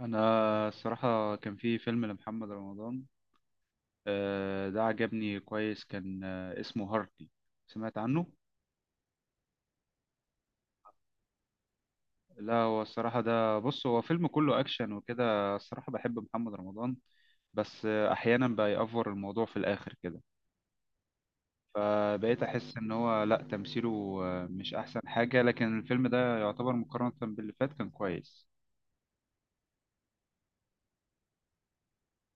انا الصراحه كان في فيلم لمحمد رمضان. ده عجبني كويس. كان اسمه هارتي. سمعت عنه. لا، هو الصراحه ده، بص، هو فيلم كله اكشن وكده. الصراحه بحب محمد رمضان. بس احيانا بيأفور الموضوع في الاخر كده. فبقيت احس ان هو لا تمثيله مش احسن حاجه، لكن الفيلم ده يعتبر مقارنه باللي فات كان كويس.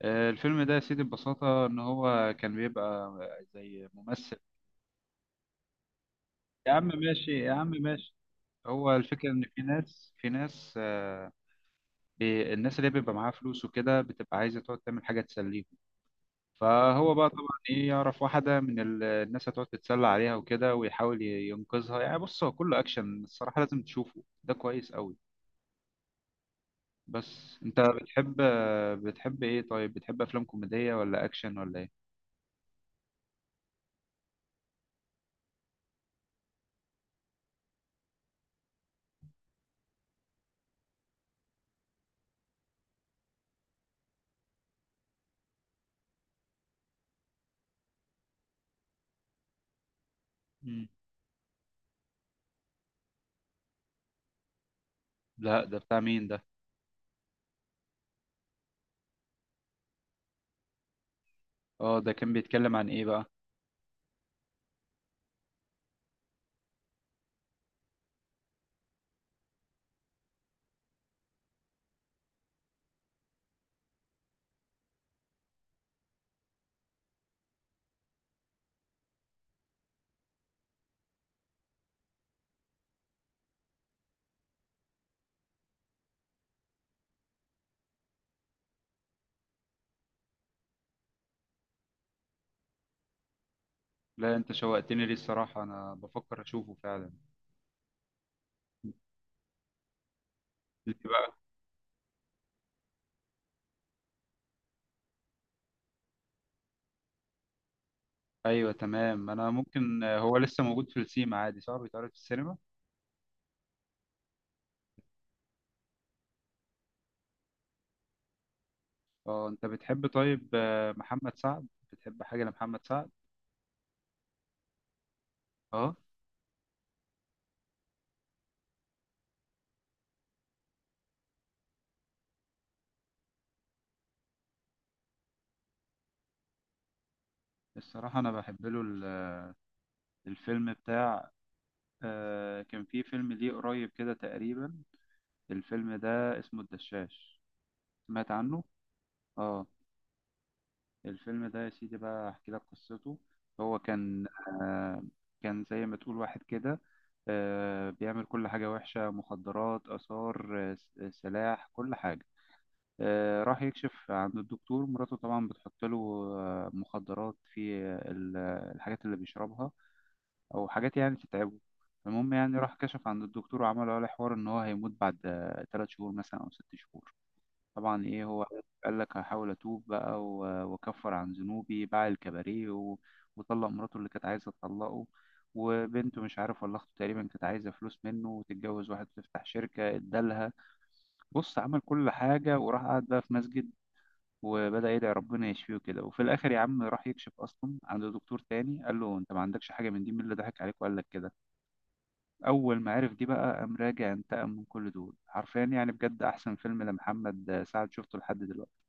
الفيلم ده يا سيدي ببساطة إن هو كان بيبقى زي ممثل. يا عم ماشي، يا عم ماشي. هو الفكرة إن في ناس، الناس اللي بيبقى معاها فلوس وكده بتبقى عايزة تقعد تعمل حاجة تسليهم. فهو بقى طبعا إيه، يعرف واحدة من الناس، هتقعد تتسلى عليها وكده، ويحاول ينقذها. يعني بص، هو كله أكشن الصراحة، لازم تشوفه، ده كويس أوي. بس أنت بتحب إيه؟ طيب، بتحب أفلام كوميدية ولا أكشن ولا إيه؟ مم. لا، ده بتاع مين ده؟ اه، ده كان بيتكلم عن إيه بقى؟ لا، أنت شوقتني. ليه الصراحة أنا بفكر أشوفه فعلا. ليه بقى؟ ايوه، تمام، انا ممكن هو لسه موجود في السينما عادي، صح؟ بيتعرض في السينما. اه، انت بتحب طيب محمد سعد؟ بتحب حاجه لمحمد سعد؟ اه. الصراحه انا بحب له الفيلم بتاع. كان في فيلم ليه قريب كده تقريبا. الفيلم ده اسمه الدشاش. سمعت عنه. اه. الفيلم ده يا سيدي بقى، احكي لك قصته. هو كان آه، كان زي ما تقول واحد كده، بيعمل كل حاجة وحشة: مخدرات، آثار، سلاح، كل حاجة. راح يكشف عند الدكتور. مراته طبعا بتحط له مخدرات في ال- الحاجات اللي بيشربها، أو حاجات يعني تتعبه. المهم يعني راح كشف عند الدكتور، وعمل عليه حوار إن هو هيموت بعد 3 شهور مثلا أو 6 شهور. طبعا ايه هو قال لك: هحاول اتوب بقى واكفر عن ذنوبي. باع الكباريه وطلق مراته اللي كانت عايزه تطلقه. وبنته مش عارف ولا اخته تقريبا كانت عايزه فلوس منه وتتجوز واحد، تفتح شركه ادالها. بص، عمل كل حاجه، وراح قعد بقى في مسجد وبدأ يدعي ربنا يشفيه كده. وفي الاخر يا عم راح يكشف اصلا عند دكتور تاني، قال له: انت ما عندكش حاجه من دي، مين اللي ضحك عليك وقال لك كده؟ اول ما عرف دي بقى قام راجع انتقم من كل دول حرفيا. يعني بجد احسن فيلم لمحمد سعد شفته لحد دلوقتي.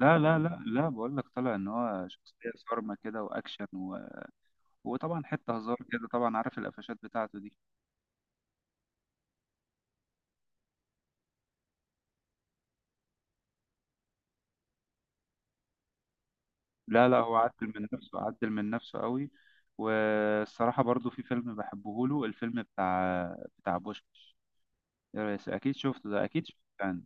لا لا لا لا، بقول لك طلع ان هو شخصيه صارمه كده، واكشن وطبعا حته هزار كده. طبعا عارف القفشات بتاعته دي. لا لا، هو عدل من نفسه، عدل من نفسه قوي. والصراحه برضو في فيلم بحبه له، الفيلم بتاع بوشكاش. يا ريس، اكيد شفته ده، اكيد شفته يعني.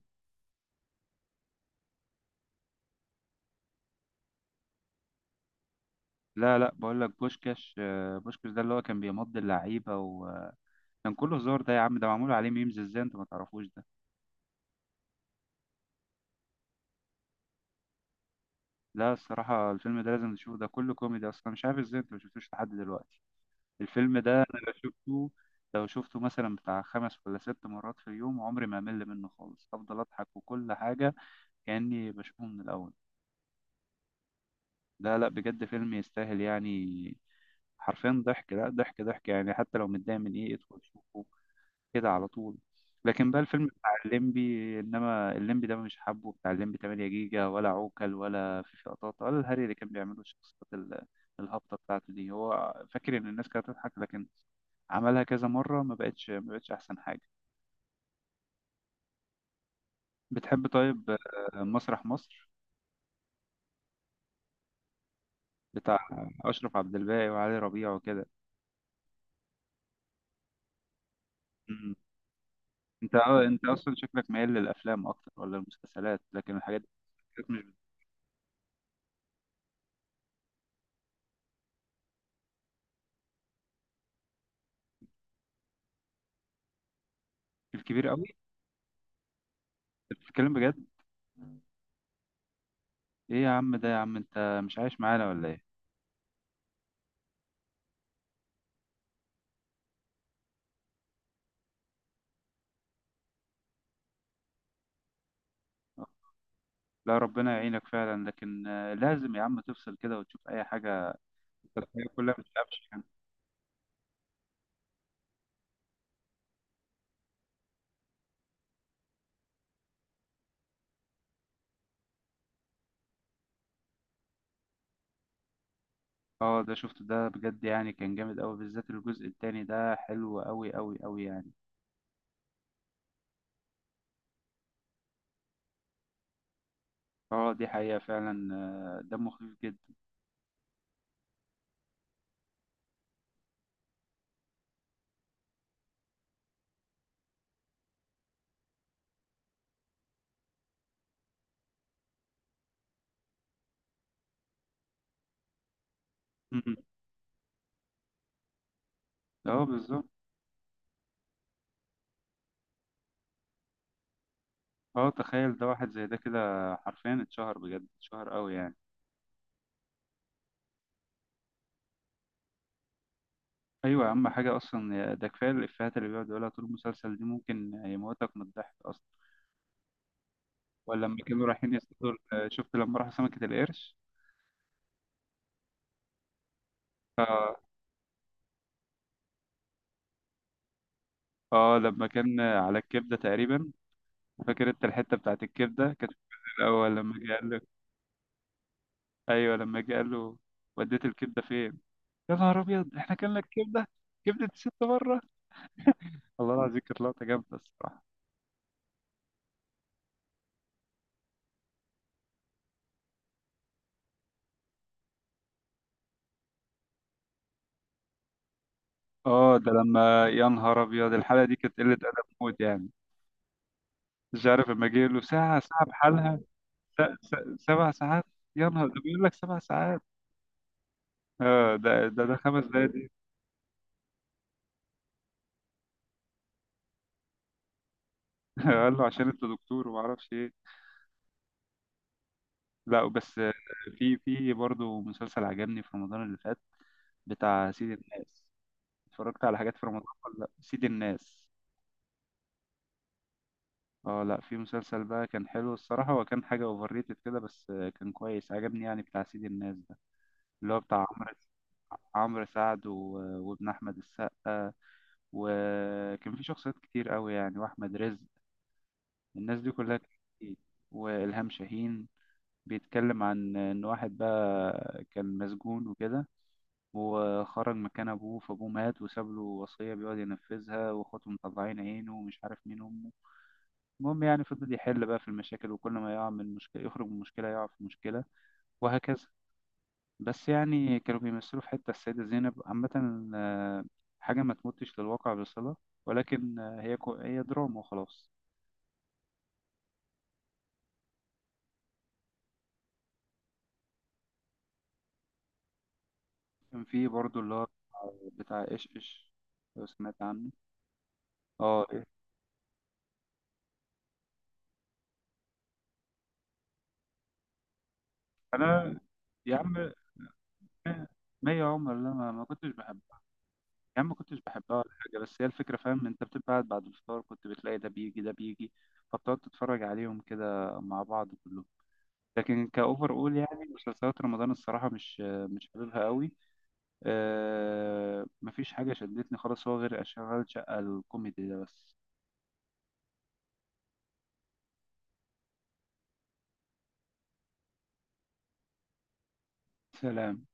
لا لا، بقول لك بوشكاش. ده اللي هو كان بيمضي اللعيبه، وكان كله هزار. ده يا عم ده معمول عليه ميمز، ازاي انت ما تعرفوش ده؟ لا، الصراحه الفيلم ده لازم تشوفه، ده كله كوميدي اصلا. مش عارف ازاي انت ما شفتوش لحد دلوقتي. الفيلم ده انا لو شفته مثلا بتاع 5 ولا 6 مرات في اليوم، عمري ما امل منه خالص، افضل اضحك وكل حاجه كاني بشوفه من الاول. لا لا، بجد فيلم يستاهل يعني. حرفيا ضحك، لا ضحك ضحك يعني. حتى لو متضايق من ايه، ادخل شوفه كده على طول. لكن بقى الفيلم بتاع الليمبي. انما الليمبي ده مش حابه، بتاع الليمبي 8 جيجا ولا عوكل ولا في قطاطا ولا الهري اللي كان بيعمله، الشخصيات الهابطه بتاعته دي. هو فاكر ان الناس كانت هتضحك، لكن عملها كذا مره، ما بقتش احسن حاجه. بتحب طيب مسرح مصر بتاع اشرف عبد الباقي وعلي ربيع وكده؟ مم. انت اصلا شكلك ميال للافلام اكتر ولا المسلسلات، لكن الحاجات دي كانت مش. في الكبير قوي؟ انت بتتكلم بجد؟ ايه يا عم ده، يا عم انت مش عايش معانا ولا ايه؟ لا، ربنا يعينك فعلا. لكن لازم يا عم تفصل كده وتشوف اي حاجه. الحياه كلها مش قفش يعني. اه، ده شفت ده بجد. يعني كان جامد قوي، بالذات الجزء التاني ده حلو قوي قوي قوي يعني. اه، دي حقيقه فعلا. دمه خفيف جدا. م-م. اه، بالظبط. اه، تخيل ده، واحد زي ده كده حرفيا اتشهر. بجد اتشهر قوي يعني. ايوه يا عم، حاجه اصلا، ده كفايه الافيهات اللي بيقعد يقولها طول المسلسل دي ممكن يموتك من الضحك. ولا لما كانوا رايحين يصطادوا شفت لما راحوا سمكة القرش؟ اه لما كان على الكبدة تقريبا. فاكر انت الحتة بتاعت الكبدة؟ كانت في الجزء الأول، لما جه قال له. أيوه، لما جه قال له: وديت الكبدة فين؟ يا نهار أبيض، احنا كلنا الكبدة. كبدة الست بره، الله العظيم، كانت لقطة جامدة الصراحة. اه، ده لما يا نهار أبيض، الحلقة دي كانت قلة أدب موت يعني. مش عارف، لما جه له ساعة ساعة بحالها. 7 ساعات، يا نهار، ده بيقول لك 7 ساعات. اه ده 5 دقايق. قال له عشان انت دكتور وما اعرفش ايه. لا بس، في برضه مسلسل عجبني في رمضان اللي فات، بتاع سيد الناس. اتفرجت على حاجات في رمضان ولا لا؟ سيد الناس. اه، لا في مسلسل بقى كان حلو الصراحة، وكان حاجة اوفر ريتد كده، بس كان كويس عجبني يعني، بتاع سيد الناس ده، اللي هو بتاع عمرو سعد وابن احمد السقا، وكان في شخصيات كتير قوي يعني، واحمد رزق. الناس دي كلها كانت كتير. والهام شاهين. بيتكلم عن إن واحد بقى كان مسجون وكده، وخرج مكان أبوه، فأبوه مات وساب له وصية بيقعد ينفذها، وأخواته مطلعين عينه، ومش عارف مين أمه. المهم يعني فضل يحل بقى في المشاكل، وكل ما يقع من مشكلة يخرج من مشكلة يقع في مشكلة، وهكذا. بس يعني كانوا بيمثلوا في حتة السيدة زينب عامة. آه، حاجة ما تمتش للواقع بصلة، ولكن هي دراما وخلاص. كان في برضو اللي هو بتاع إيش إيش، لو سمعت عنه. اه. انا يا عم ما ما يا عمر، لا، ما كنتش بحبها. يا عم ما كنتش بحبها ولا حاجه، بس هي الفكره، فاهم انت، بتبقى قاعد بعد الفطار كنت بتلاقي ده بيجي ده بيجي. فبتقعد تتفرج عليهم كده مع بعض كلهم. لكن كاوفر اول يعني مسلسلات رمضان الصراحه مش حاببها قوي. أه، مفيش حاجه شدتني خالص هو غير اشغال شقه الكوميدي ده بس. سلام.